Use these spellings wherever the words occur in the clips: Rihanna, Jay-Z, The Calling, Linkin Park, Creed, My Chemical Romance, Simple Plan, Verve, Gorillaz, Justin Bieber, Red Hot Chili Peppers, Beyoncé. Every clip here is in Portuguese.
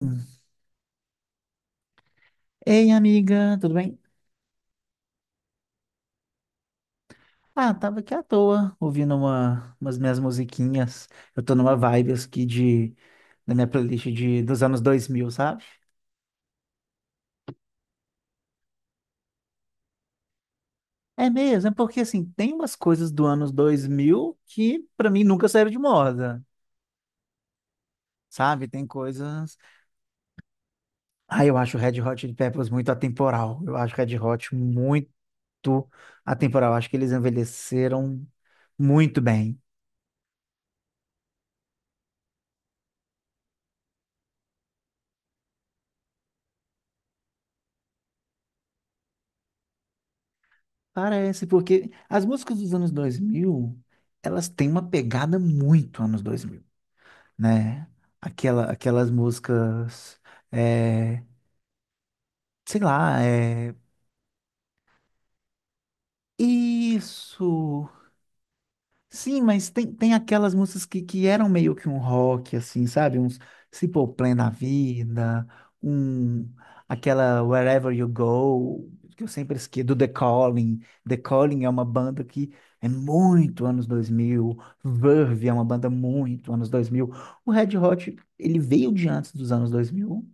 Hum. Ei, amiga, tudo bem? Ah, tava aqui à toa, ouvindo umas minhas musiquinhas. Eu tô numa vibe aqui da minha playlist dos anos 2000, sabe? É mesmo, é porque assim, tem umas coisas do anos 2000 que pra mim nunca saíram de moda, sabe? Tem coisas. Ah, eu acho o Red Hot Chili Peppers muito atemporal. Eu acho o Red Hot muito atemporal. Acho que eles envelheceram muito bem. Parece, porque as músicas dos anos 2000 elas têm uma pegada muito anos 2000, né? Aquelas músicas, é, sei lá, é, isso. Sim, mas tem aquelas músicas que eram meio que um rock, assim, sabe? Uns Simple Plan na Vida, um, aquela Wherever You Go, que eu sempre esqueço, do The Calling. The Calling é uma banda que é muito anos 2000. Verve é uma banda muito anos 2000. O Red Hot, ele veio de antes dos anos 2000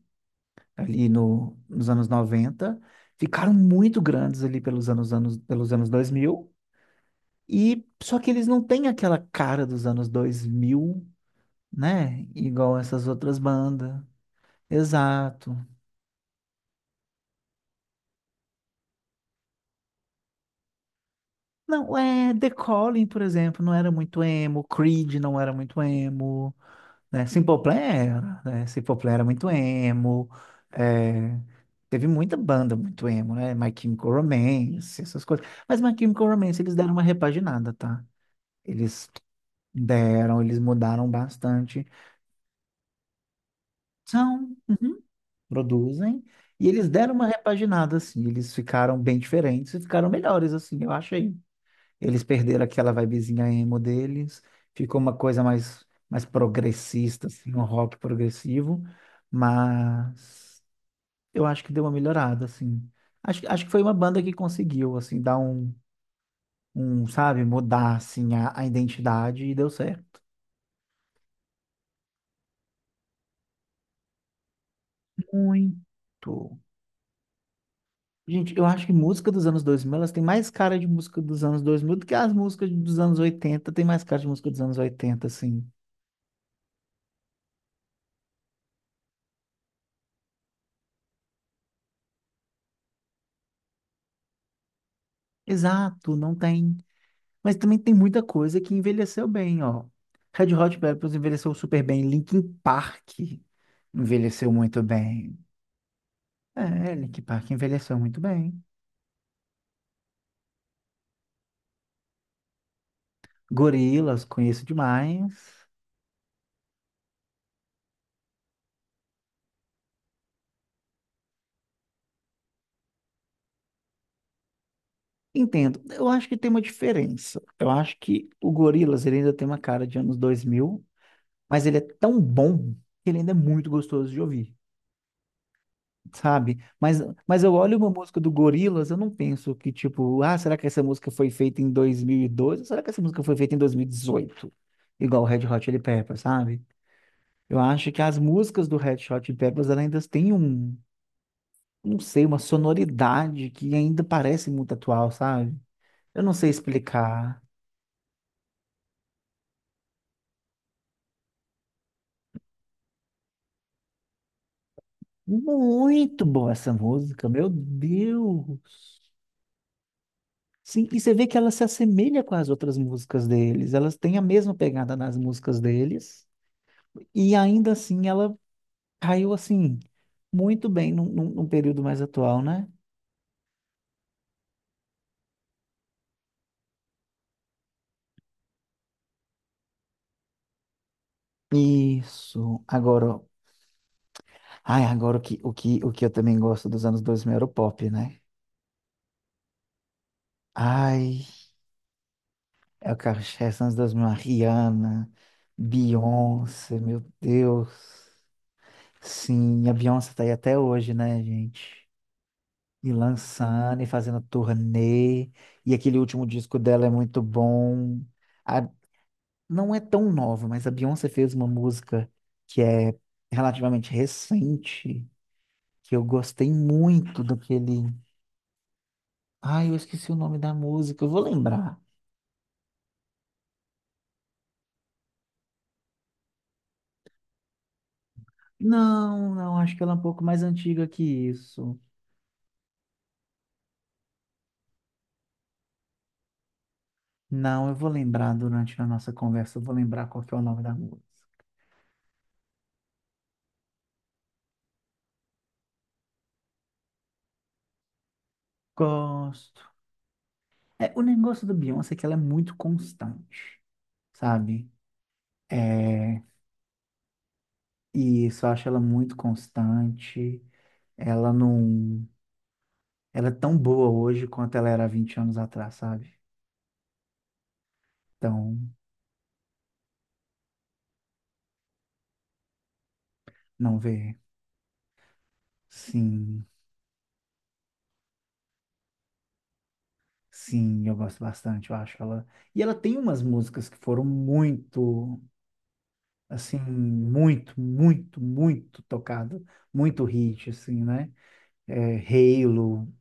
ali no, nos anos 90, ficaram muito grandes ali pelos anos dois mil, e só que eles não têm aquela cara dos anos 2000, né? Igual essas outras bandas. Exato. Não, é The Calling, por exemplo, não era muito emo, Creed não era muito emo, né? Simple Plan era, né? Simple Plan era muito emo. É. Teve muita banda muito emo, né? My Chemical Romance, essas coisas. Mas My Chemical Romance eles deram uma repaginada, tá? Eles Eles mudaram bastante. São. Uhum. Produzem, e eles deram uma repaginada, assim, eles ficaram bem diferentes e ficaram melhores, assim, eu achei. Eles perderam aquela vibezinha emo deles, ficou uma coisa mais progressista, assim, um rock progressivo, mas eu acho que deu uma melhorada, assim. Acho que foi uma banda que conseguiu, assim, dar sabe, mudar, assim, a identidade e deu certo. Muito. Gente, eu acho que música dos anos 2000 elas têm mais cara de música dos anos 2000 do que as músicas dos anos 80 tem mais cara de música dos anos 80, assim. Exato, não tem. Mas também tem muita coisa que envelheceu bem, ó. Red Hot Chili Peppers envelheceu super bem, Linkin Park envelheceu muito bem. É, Linkin Park envelheceu muito bem. Gorillaz, conheço demais. Entendo. Eu acho que tem uma diferença. Eu acho que o Gorillaz ele ainda tem uma cara de anos 2000, mas ele é tão bom que ele ainda é muito gostoso de ouvir, sabe? Mas eu olho uma música do Gorillaz, eu não penso que, tipo, ah, será que essa música foi feita em 2012? Ou será que essa música foi feita em 2018? Igual o Red Hot Chili Peppers, sabe? Eu acho que as músicas do Red Hot Chili Peppers ela ainda têm um, não sei, uma sonoridade que ainda parece muito atual, sabe? Eu não sei explicar. Muito boa essa música, meu Deus! Sim, e você vê que ela se assemelha com as outras músicas deles. Elas têm a mesma pegada nas músicas deles. E ainda assim, ela caiu assim, muito bem num período mais atual, né? Isso. Agora, ó, ai, agora o que eu também gosto dos anos 2000 era o pop, né? Ai, é o Carlos Chess anos 2000, a Rihanna, Beyoncé, meu Deus. Sim, a Beyoncé tá aí até hoje, né, gente? E lançando e fazendo turnê. E aquele último disco dela é muito bom. A- não é tão nova, mas a Beyoncé fez uma música que é relativamente recente, que eu gostei muito daquele. Ai, eu esqueci o nome da música, eu vou lembrar. Não, não, acho que ela é um pouco mais antiga que isso. Não, eu vou lembrar durante a nossa conversa, eu vou lembrar qual que é o nome da música. Gosto. É, o negócio da Beyoncé é que ela é muito constante, sabe? É, e isso eu acho ela muito constante. Ela não. Ela é tão boa hoje quanto ela era há 20 anos atrás, sabe? Então, não vê. Sim, sim, eu gosto bastante, eu acho ela. E ela tem umas músicas que foram muito, assim, muito, muito, muito tocado, muito hit, assim, né? É, Halo,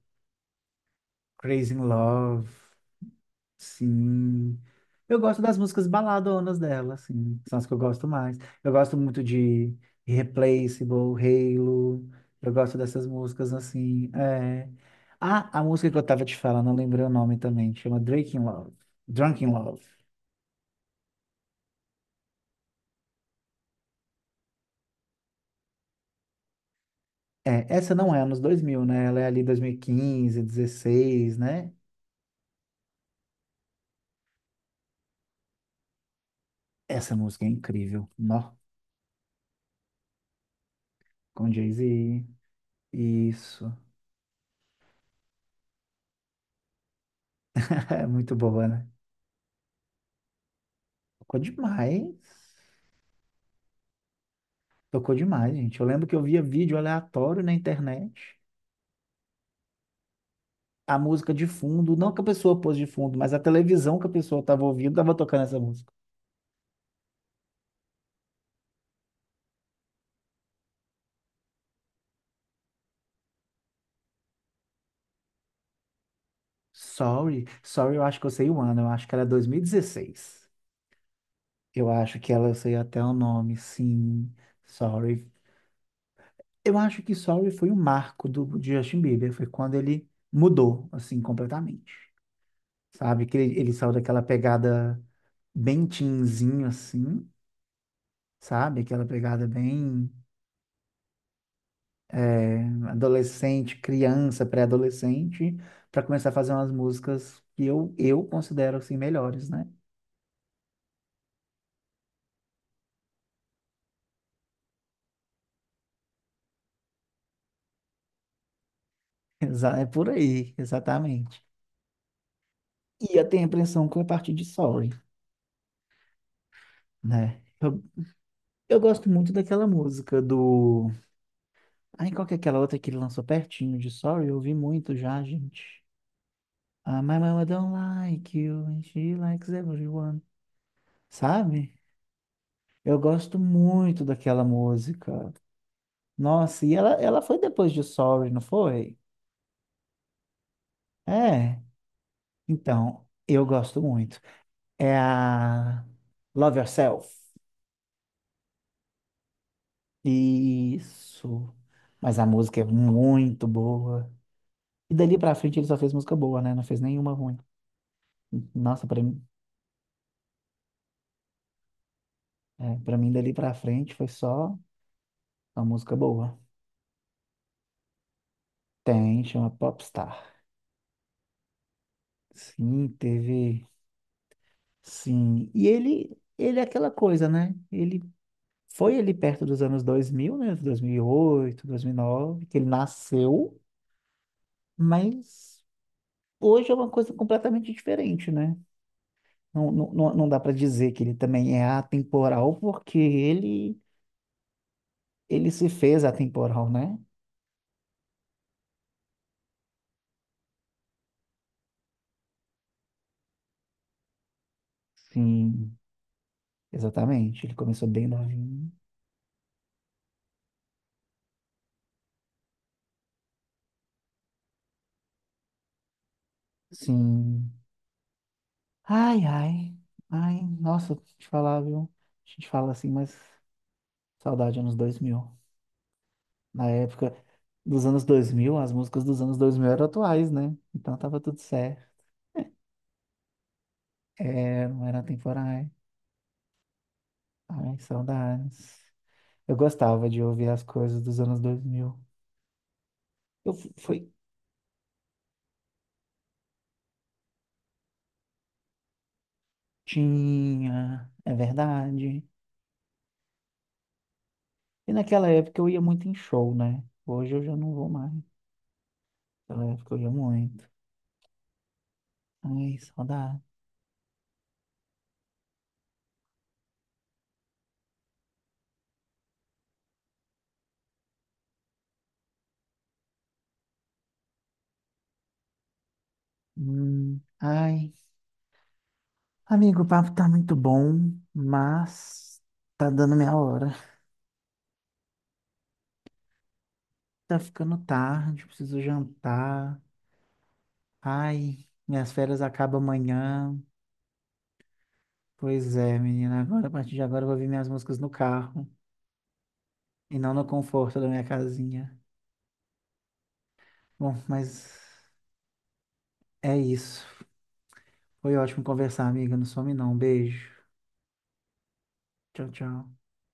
Crazy in Love. Sim. Eu gosto das músicas baladonas dela, assim. São as que eu gosto mais. Eu gosto muito de Irreplaceable, Halo. Eu gosto dessas músicas, assim. É. Ah, a música que eu tava te falando, não lembrei o nome também. Chama Drake in Love. Drunk in Love. É, essa não é anos dois mil, né? Ela é ali 2015, 16, né? Essa música é incrível. Nó, com Jay-Z. Isso. É muito boa, né? Tocou demais. Tocou demais, gente. Eu lembro que eu via vídeo aleatório na internet, a música de fundo, não que a pessoa pôs de fundo, mas a televisão que a pessoa estava ouvindo estava tocando essa música. Sorry, Sorry, eu acho que eu sei o ano, eu acho que era 2016. Eu acho que ela, eu sei até o nome, sim. Sorry. Eu acho que Sorry foi o marco do de Justin Bieber, foi quando ele mudou, assim, completamente. Sabe? Que ele saiu daquela pegada bem teenzinho, assim, sabe? Aquela pegada bem, é, adolescente, criança, pré-adolescente, para começar a fazer umas músicas que eu considero assim melhores, né? É por aí, exatamente. E eu tenho a impressão que é a partir de Sorry, né? Eu gosto muito daquela música do. Ai, qual que é aquela outra que ele lançou pertinho de Sorry? Eu ouvi muito já, gente. Ah, my mama don't like you and she likes everyone. Sabe? Eu gosto muito daquela música. Nossa, e ela foi depois de Sorry, não foi? É, então, eu gosto muito. É a Love Yourself. Isso. Mas a música é muito boa. E dali pra frente ele só fez música boa, né? Não fez nenhuma ruim. Nossa, pra mim, é, pra mim dali pra frente foi só uma música boa. Tem, chama Popstar. Sim, teve. Sim. E ele é aquela coisa, né? Ele foi ali perto dos anos 2000, né? Dois dois mil mil e oito, 2009, que ele nasceu, mas. Hoje é uma coisa completamente diferente, né? Não, não, não não dá para dizer que ele também é atemporal, porque ele se fez atemporal, né? Sim, exatamente. Ele começou bem novinho. Sim. Ai, ai. Ai, nossa, te falar, viu? A gente fala assim, mas saudade anos 2000. Na época dos anos 2000 as músicas dos anos 2000 eram atuais, né? Então tava tudo certo. É, não era atemporais. Ai, saudades. Eu gostava de ouvir as coisas dos anos 2000. Eu fui, tinha, é verdade. E naquela época eu ia muito em show, né? Hoje eu já não vou mais. Naquela época eu ia muito. Ai, saudade. Ai. Amigo, o papo tá muito bom, mas tá dando minha hora. Tá ficando tarde, preciso jantar. Ai, minhas férias acabam amanhã. Pois é, menina, agora a partir de agora eu vou ouvir minhas músicas no carro e não no conforto da minha casinha. Bom, mas é isso. Foi ótimo conversar, amiga. Não some não. Beijo. Tchau, tchau.